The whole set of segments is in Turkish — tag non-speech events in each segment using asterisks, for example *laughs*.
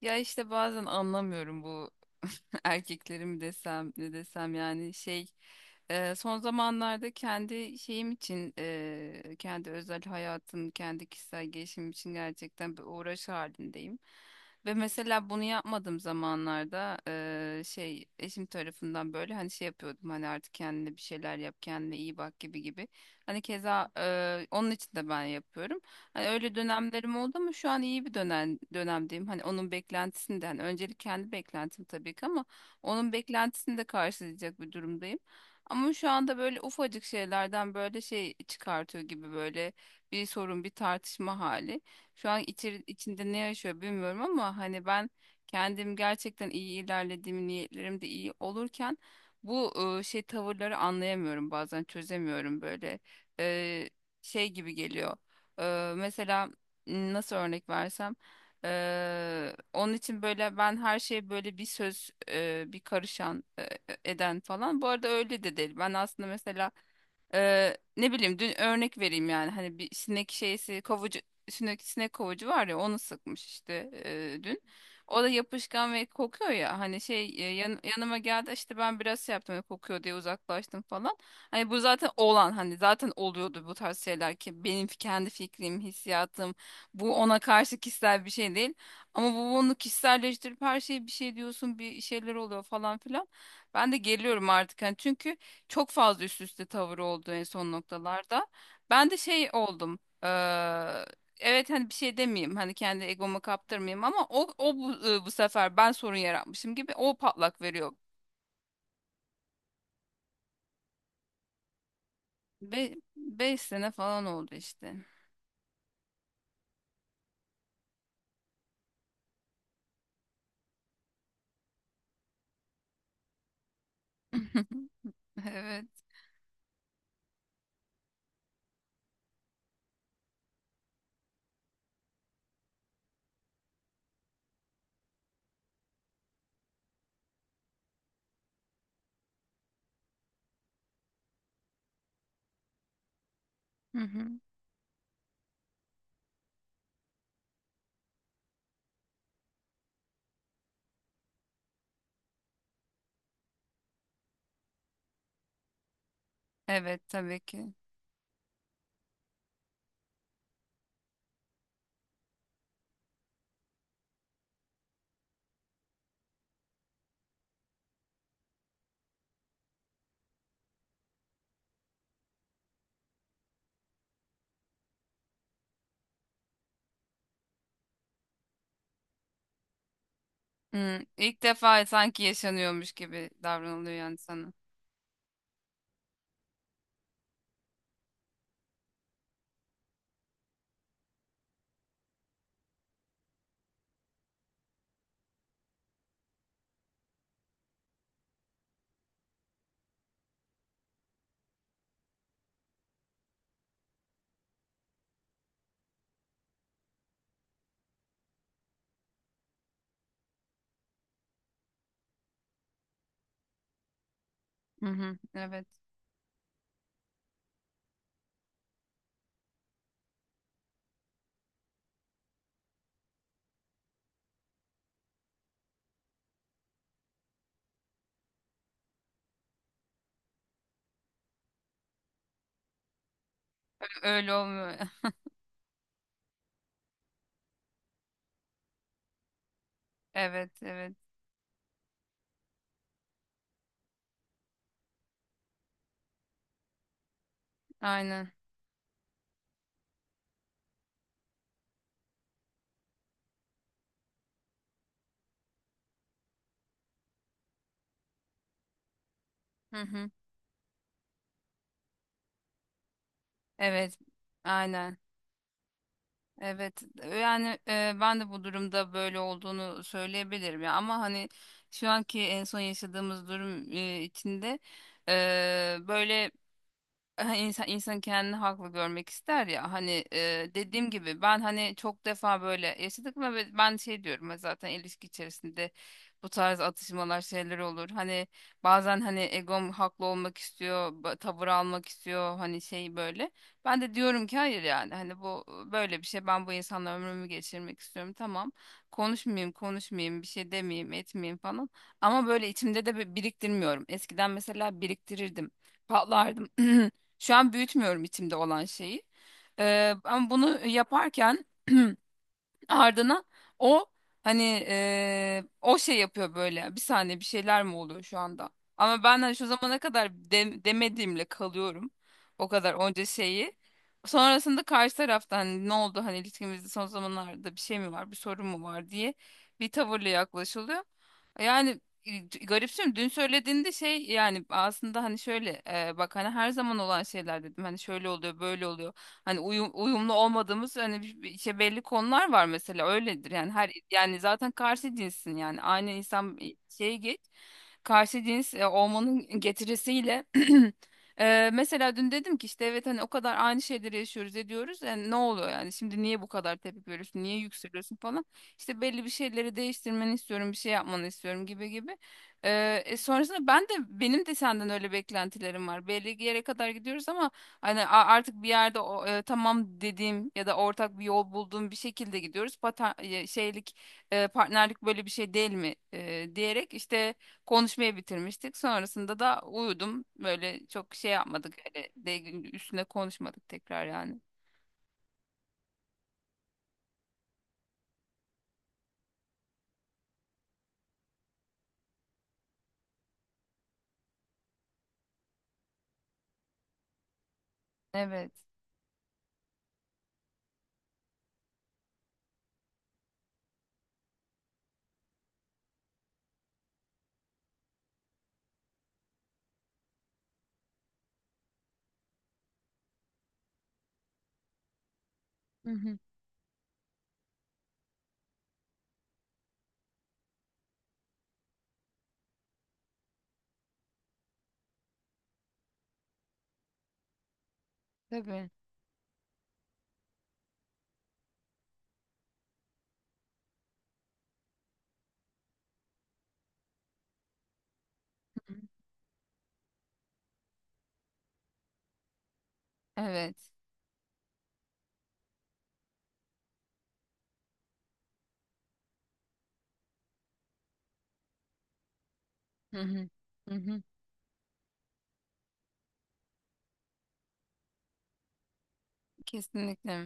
Ya işte bazen anlamıyorum bu *laughs* erkekleri mi desem ne desem yani son zamanlarda kendi şeyim için kendi özel hayatım kendi kişisel gelişimim için gerçekten bir uğraş halindeyim. Ve mesela bunu yapmadığım zamanlarda eşim tarafından böyle hani şey yapıyordum hani artık kendine bir şeyler yap kendine iyi bak gibi gibi. Hani keza onun için de ben yapıyorum. Hani öyle dönemlerim oldu ama şu an iyi bir dönemdeyim. Hani onun beklentisinden öncelik kendi beklentim tabii ki ama onun beklentisini de karşılayacak bir durumdayım. Ama şu anda böyle ufacık şeylerden böyle şey çıkartıyor gibi böyle bir sorun bir tartışma hali. Şu an içinde ne yaşıyor bilmiyorum ama hani ben kendim gerçekten iyi ilerlediğim niyetlerim de iyi olurken bu şey tavırları anlayamıyorum bazen çözemiyorum böyle. E, Şey gibi geliyor. Mesela nasıl örnek versem, onun için böyle ben her şeye böyle bir söz bir karışan eden falan. Bu arada öyle de değil. Ben aslında mesela ne bileyim dün örnek vereyim yani hani bir sinek şeysi kovucu sinek kovucu var ya onu sıkmış işte dün. O da yapışkan ve kokuyor ya hani şey yanıma geldi işte ben biraz şey yaptım hani kokuyor diye uzaklaştım falan. Hani bu zaten olan hani zaten oluyordu bu tarz şeyler ki benim kendi fikrim, hissiyatım bu ona karşı kişisel bir şey değil. Ama bu onu kişiselleştirip her şeye bir şey diyorsun bir şeyler oluyor falan filan. Ben de geliyorum artık hani çünkü çok fazla üst üste tavır oldu en son noktalarda. Ben de şey oldum. Evet hani bir şey demeyeyim hani kendi egomu kaptırmayayım ama o, o bu sefer ben sorun yaratmışım gibi o patlak veriyor. 5 sene falan oldu işte. *laughs* Evet. Hı hı. Evet tabii ki. Hmm, ilk defa sanki yaşanıyormuş gibi davranılıyor yani sana. Hı hı. Evet. Öyle olmuyor. *laughs* Evet, evet. Aynen. Hı hı. Evet. Aynen. Evet. Yani ben de bu durumda böyle olduğunu söyleyebilirim ya ama hani şu anki en son yaşadığımız durum içinde böyle. Ha, insan kendini haklı görmek ister ya hani dediğim gibi ben hani çok defa böyle yaşadık ve ben şey diyorum ya zaten ilişki içerisinde bu tarz atışmalar şeyler olur hani bazen hani egom haklı olmak istiyor tavır almak istiyor hani şey böyle ben de diyorum ki hayır yani hani bu böyle bir şey ben bu insanla ömrümü geçirmek istiyorum tamam konuşmayayım bir şey demeyeyim etmeyeyim falan ama böyle içimde de biriktirmiyorum eskiden mesela biriktirirdim patlardım. *clears throat* Şu an büyütmüyorum içimde olan şeyi. Ama bunu yaparken *clears throat* ardına o hani o şey yapıyor böyle. Bir saniye bir şeyler mi oluyor şu anda? Ama ben hani şu zamana kadar demediğimle kalıyorum. O kadar onca şeyi. Sonrasında karşı taraftan hani ne oldu hani ilişkimizde son zamanlarda bir şey mi var, bir sorun mu var diye bir tavırla yaklaşılıyor. Yani garipsiyorum. Dün söylediğinde şey yani aslında hani şöyle bak hani her zaman olan şeyler dedim. Hani şöyle oluyor, böyle oluyor. Hani uyumlu olmadığımız hani işte belli konular var mesela öyledir. Yani her yani zaten karşı cinsin yani aynı insan şeye geç karşı cins olmanın getirisiyle *clears throat* mesela dün dedim ki işte evet hani o kadar aynı şeyleri yaşıyoruz ediyoruz yani ne oluyor yani şimdi niye bu kadar tepki veriyorsun niye yükseliyorsun falan işte belli bir şeyleri değiştirmeni istiyorum bir şey yapmanı istiyorum gibi gibi. E, Sonrasında ben de benim de senden öyle beklentilerim var belli bir yere kadar gidiyoruz ama hani artık bir yerde tamam dediğim ya da ortak bir yol bulduğum bir şekilde gidiyoruz partnerlik böyle bir şey değil mi diyerek işte konuşmayı bitirmiştik. Sonrasında da uyudum. Böyle çok şey yapmadık. Öyle de üstüne konuşmadık tekrar yani. Evet. Hı hı. Tabii. Hı hı. Evet. Hı hı. Hı hı. Kesinlikle.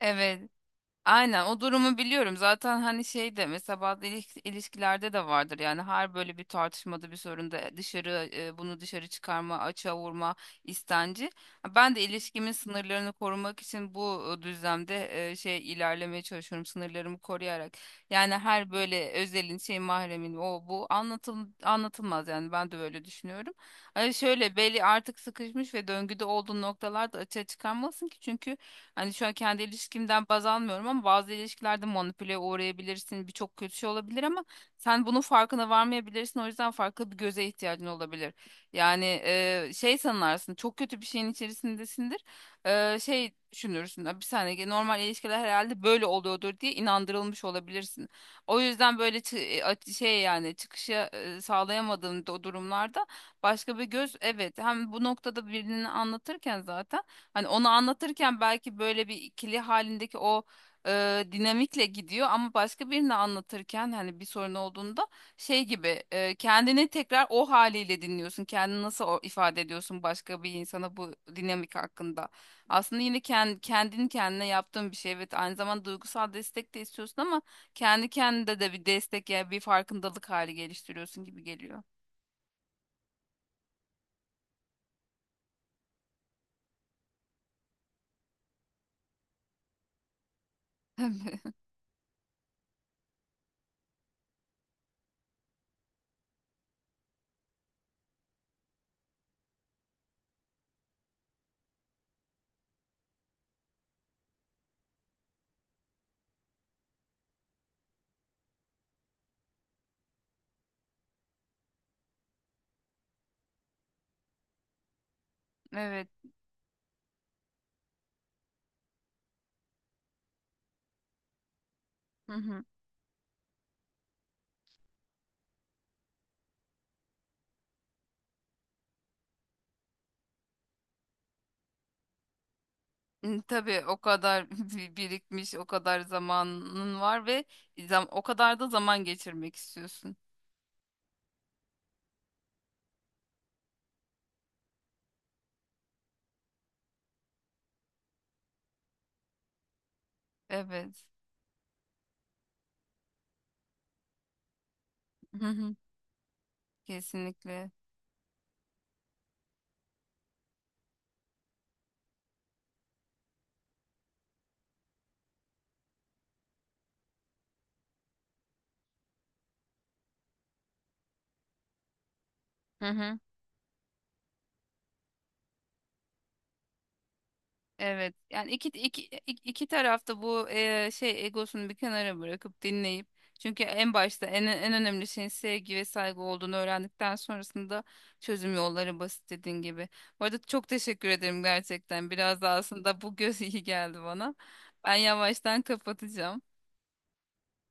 Evet. Aynen o durumu biliyorum. Zaten hani şey de mesela bazı ilişkilerde de vardır. Yani her böyle bir tartışmada bir sorunda dışarı bunu dışarı çıkarma, açığa vurma istenci. Ben de ilişkimin sınırlarını korumak için bu düzlemde şey ilerlemeye çalışıyorum sınırlarımı koruyarak. Yani her böyle özelin şey mahremin o bu anlatılmaz yani ben de böyle düşünüyorum. Hani şöyle belli artık sıkışmış ve döngüde olduğu noktalarda açığa çıkarmasın ki çünkü hani şu an kendi ilişkimden baz almıyorum ama bazı ilişkilerde manipüle uğrayabilirsin. Birçok kötü şey olabilir ama sen bunun farkına varmayabilirsin. O yüzden farklı bir göze ihtiyacın olabilir. Yani şey sanırsın çok kötü bir şeyin içerisindesindir. E, şey düşünürsün. "Ya bir saniye normal ilişkiler herhalde böyle oluyordur diye inandırılmış olabilirsin. O yüzden böyle şey yani çıkışı sağlayamadığın durumlarda başka bir göz evet hem bu noktada birini anlatırken zaten hani onu anlatırken belki böyle bir ikili halindeki o dinamikle gidiyor ama başka birini anlatırken hani bir sorun olduğunda şey gibi kendini tekrar o haliyle dinliyorsun. Kendini nasıl ifade ediyorsun başka bir insana bu dinamik hakkında. Aslında yine kendini kendine yaptığın bir şey. Evet aynı zamanda duygusal destek de istiyorsun ama kendi kendine de bir destek yani bir farkındalık hali geliştiriyorsun gibi geliyor. *laughs* Tabii. Evet. Hı hı. Hı, tabii o kadar *laughs* birikmiş, o kadar zamanın var ve o kadar da zaman geçirmek istiyorsun. Evet. Hı hı. Kesinlikle. Hı hı. Evet. Yani iki tarafta bu şey egosunu bir kenara bırakıp dinleyip çünkü en başta en önemli şeyin sevgi ve saygı olduğunu öğrendikten sonrasında çözüm yolları basit dediğin gibi. Bu arada çok teşekkür ederim gerçekten. Biraz da aslında bu göz iyi geldi bana. Ben yavaştan kapatacağım.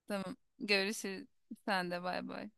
Tamam. Görüşürüz. Sen de bay bay.